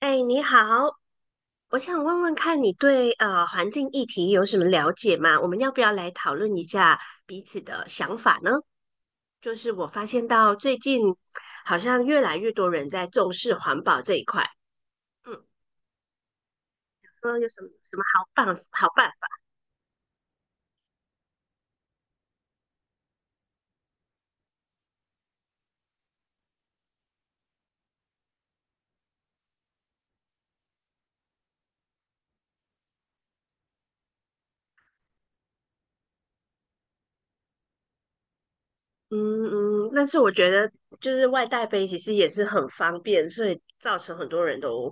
哎，你好，我想问问看你对环境议题有什么了解吗？我们要不要来讨论一下彼此的想法呢？就是我发现到最近好像越来越多人在重视环保这一块，嗯，有什么好办法？嗯嗯，但是我觉得就是外带杯其实也是很方便，所以造成很多人都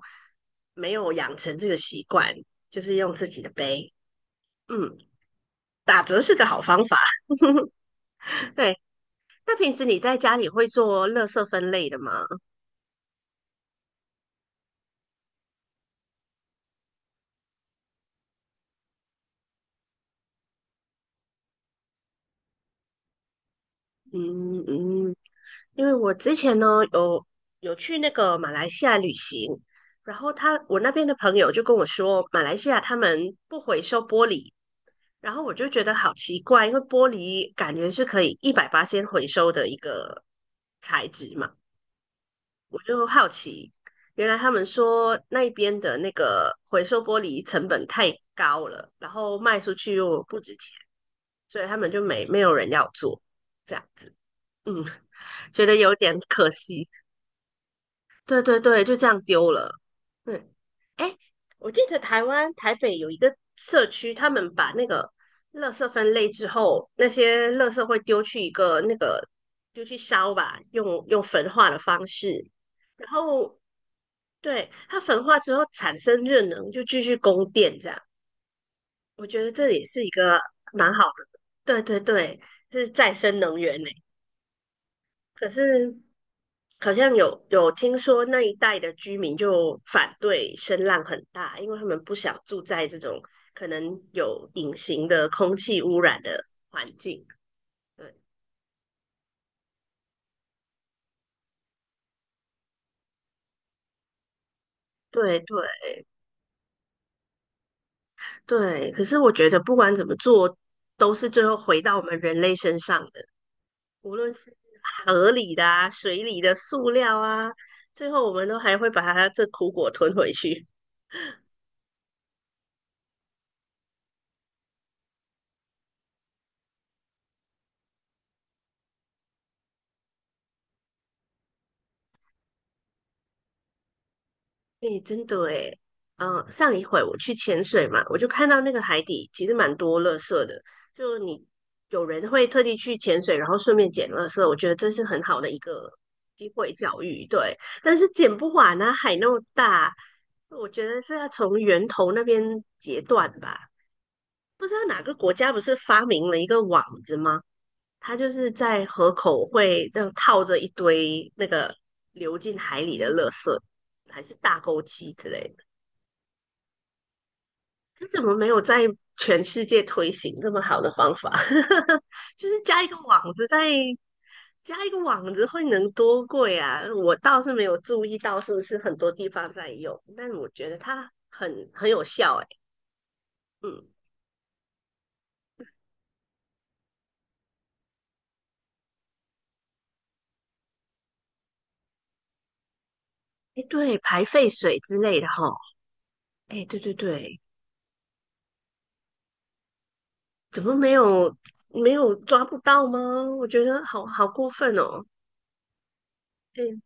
没有养成这个习惯，就是用自己的杯。嗯，打折是个好方法。对，那平时你在家里会做乐色分类的吗？嗯嗯，因为我之前呢有有去那个马来西亚旅行，然后我那边的朋友就跟我说，马来西亚他们不回收玻璃，然后我就觉得好奇怪，因为玻璃感觉是可以一百八先回收的一个材质嘛，我就好奇，原来他们说那边的那个回收玻璃成本太高了，然后卖出去又不值钱。所以他们就没有人要做这样子，嗯，觉得有点可惜。对对对，就这样丢了。对，哎，我记得台湾台北有一个社区，他们把那个垃圾分类之后，那些垃圾会丢去一个那个丢去烧吧，用焚化的方式，然后对它焚化之后产生热能，就继续供电这样。我觉得这也是一个蛮好的，对对对，是再生能源呢。可是好像有听说那一带的居民就反对声浪很大，因为他们不想住在这种可能有隐形的空气污染的环境。对对对对，可是我觉得不管怎么做，都是最后回到我们人类身上的，无论是河里的啊、水里的塑料啊，最后我们都还会把它这苦果吞回去。对，真的诶，上一回我去潜水嘛，我就看到那个海底其实蛮多垃圾的，就你有人会特地去潜水，然后顺便捡垃圾，我觉得这是很好的一个机会教育，对。但是捡不完啊，海那么大，我觉得是要从源头那边截断吧。不知道哪个国家不是发明了一个网子吗？它就是在河口会这样套着一堆那个流进海里的垃圾，还是大钩机之类的。他怎么没有在全世界推行这么好的方法？就是加一个网子在，加一个网子会能多贵啊？我倒是没有注意到是不是很多地方在用，但我觉得它很有效、欸。哎嗯，哎，对，排废水之类的哈。哎，对对对，怎么没有抓不到吗？我觉得好过分哦。对，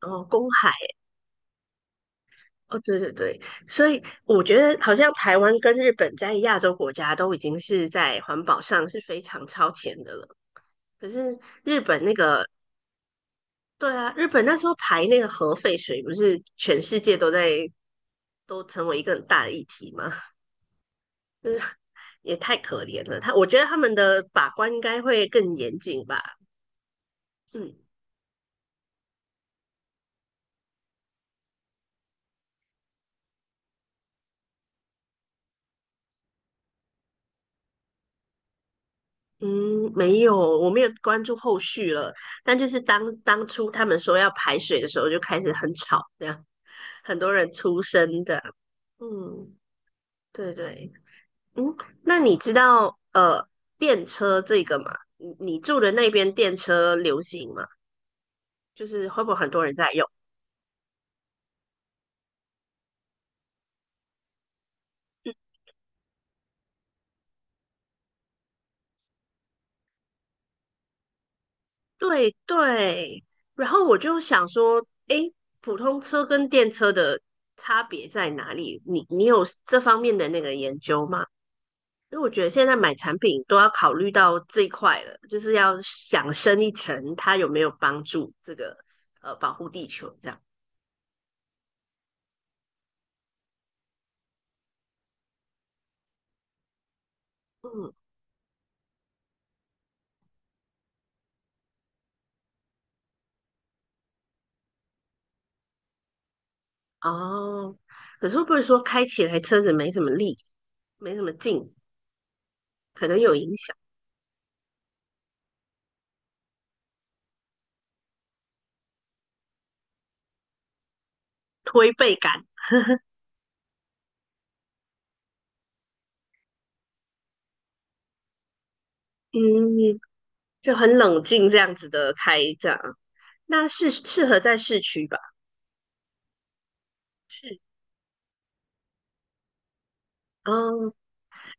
哦，公海。哦，对对对，所以我觉得好像台湾跟日本在亚洲国家都已经是在环保上是非常超前的了。可是日本那个，对啊，日本那时候排那个核废水，不是全世界都在都成为一个很大的议题吗？就是也太可怜了。他我觉得他们的把关应该会更严谨吧。嗯，嗯，没有，我没有关注后续了。但就是当初他们说要排水的时候，就开始很吵，这样很多人出声的。嗯，对对，嗯，那你知道电车这个吗？你住的那边电车流行吗？就是会不会很多人在用？对对，然后我就想说，诶，普通车跟电车的差别在哪里？你有这方面的那个研究吗？因为我觉得现在买产品都要考虑到这一块了，就是要想深一层，它有没有帮助这个保护地球这样。嗯，哦，可是会不会说开起来车子没什么力，没什么劲，可能有影响推背感？嗯，就很冷静这样子的开这样，那是适合在市区吧？是。哦，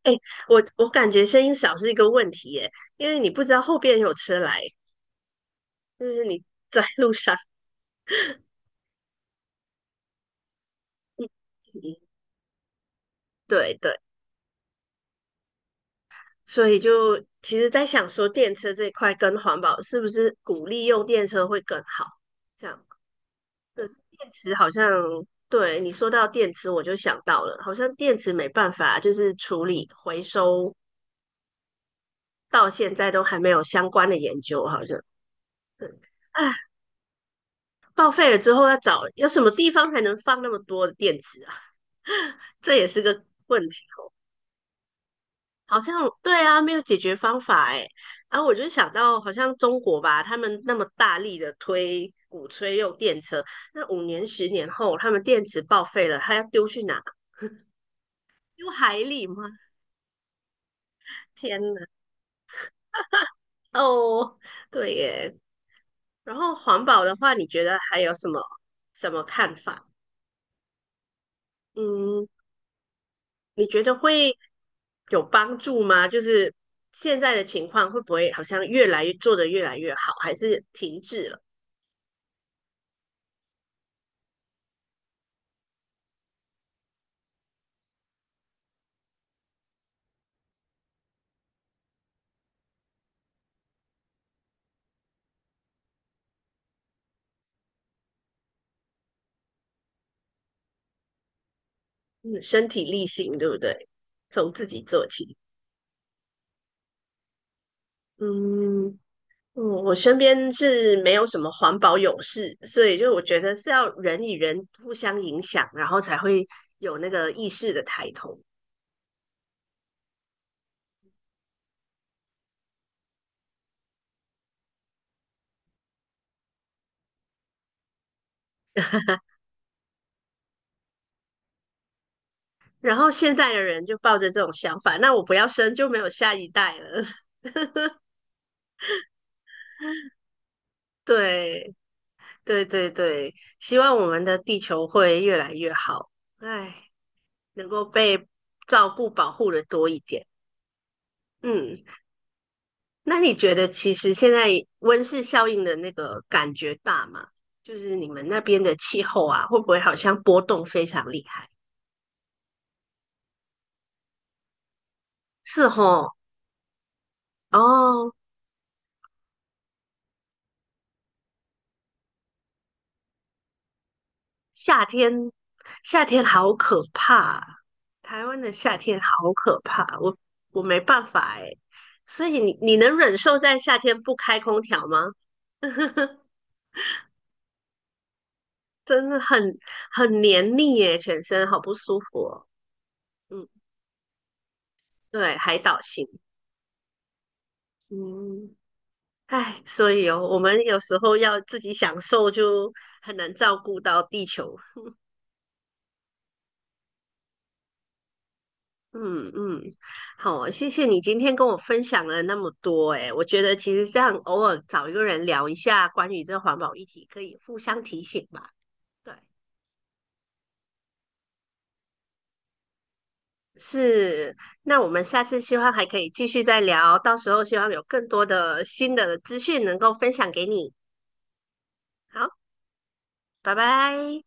哎，我感觉声音小是一个问题耶，因为你不知道后边有车来，就是你在路上，对对。所以就其实在想说，电车这一块跟环保是不是鼓励用电车会更好？这样，可是电池好像，对，你说到电池，我就想到了，好像电池没办法就是处理回收，到现在都还没有相关的研究，好像，嗯，啊，报废了之后要找有什么地方才能放那么多的电池啊？这也是个问题。好像对啊，没有解决方法哎。然后我就想到，好像中国吧，他们那么大力的推鼓吹用电车，那5年、10年后，他们电池报废了，他要丢去哪？丢海里吗？天哪！哦，对耶。然后环保的话，你觉得还有什么看法？嗯，你觉得会有帮助吗？就是现在的情况会不会好像越来越做得越来越好，还是停滞了？嗯，身体力行，对不对？从自己做起。嗯，嗯我身边是没有什么环保勇士，所以就我觉得是要人与人互相影响，然后才会有那个意识的抬头。然后现在的人就抱着这种想法，那我不要生就没有下一代了。对，对对对，希望我们的地球会越来越好，唉，能够被照顾保护的多一点。嗯。那你觉得其实现在温室效应的那个感觉大吗？就是你们那边的气候啊，会不会好像波动非常厉害？是吼，哦，夏天夏天好可怕啊台湾的夏天好可怕，我没办法哎。所以你能忍受在夏天不开空调吗？真的很黏腻耶，全身好不舒服哦。嗯，对，海岛型，嗯。唉，所以哦，我们有时候要自己享受，就很难照顾到地球。嗯嗯，好，谢谢你今天跟我分享了那么多。诶，我觉得其实这样偶尔找一个人聊一下关于这环保议题，可以互相提醒吧。对，是。那我们下次希望还可以继续再聊，到时候希望有更多的新的资讯能够分享给你。好，拜拜。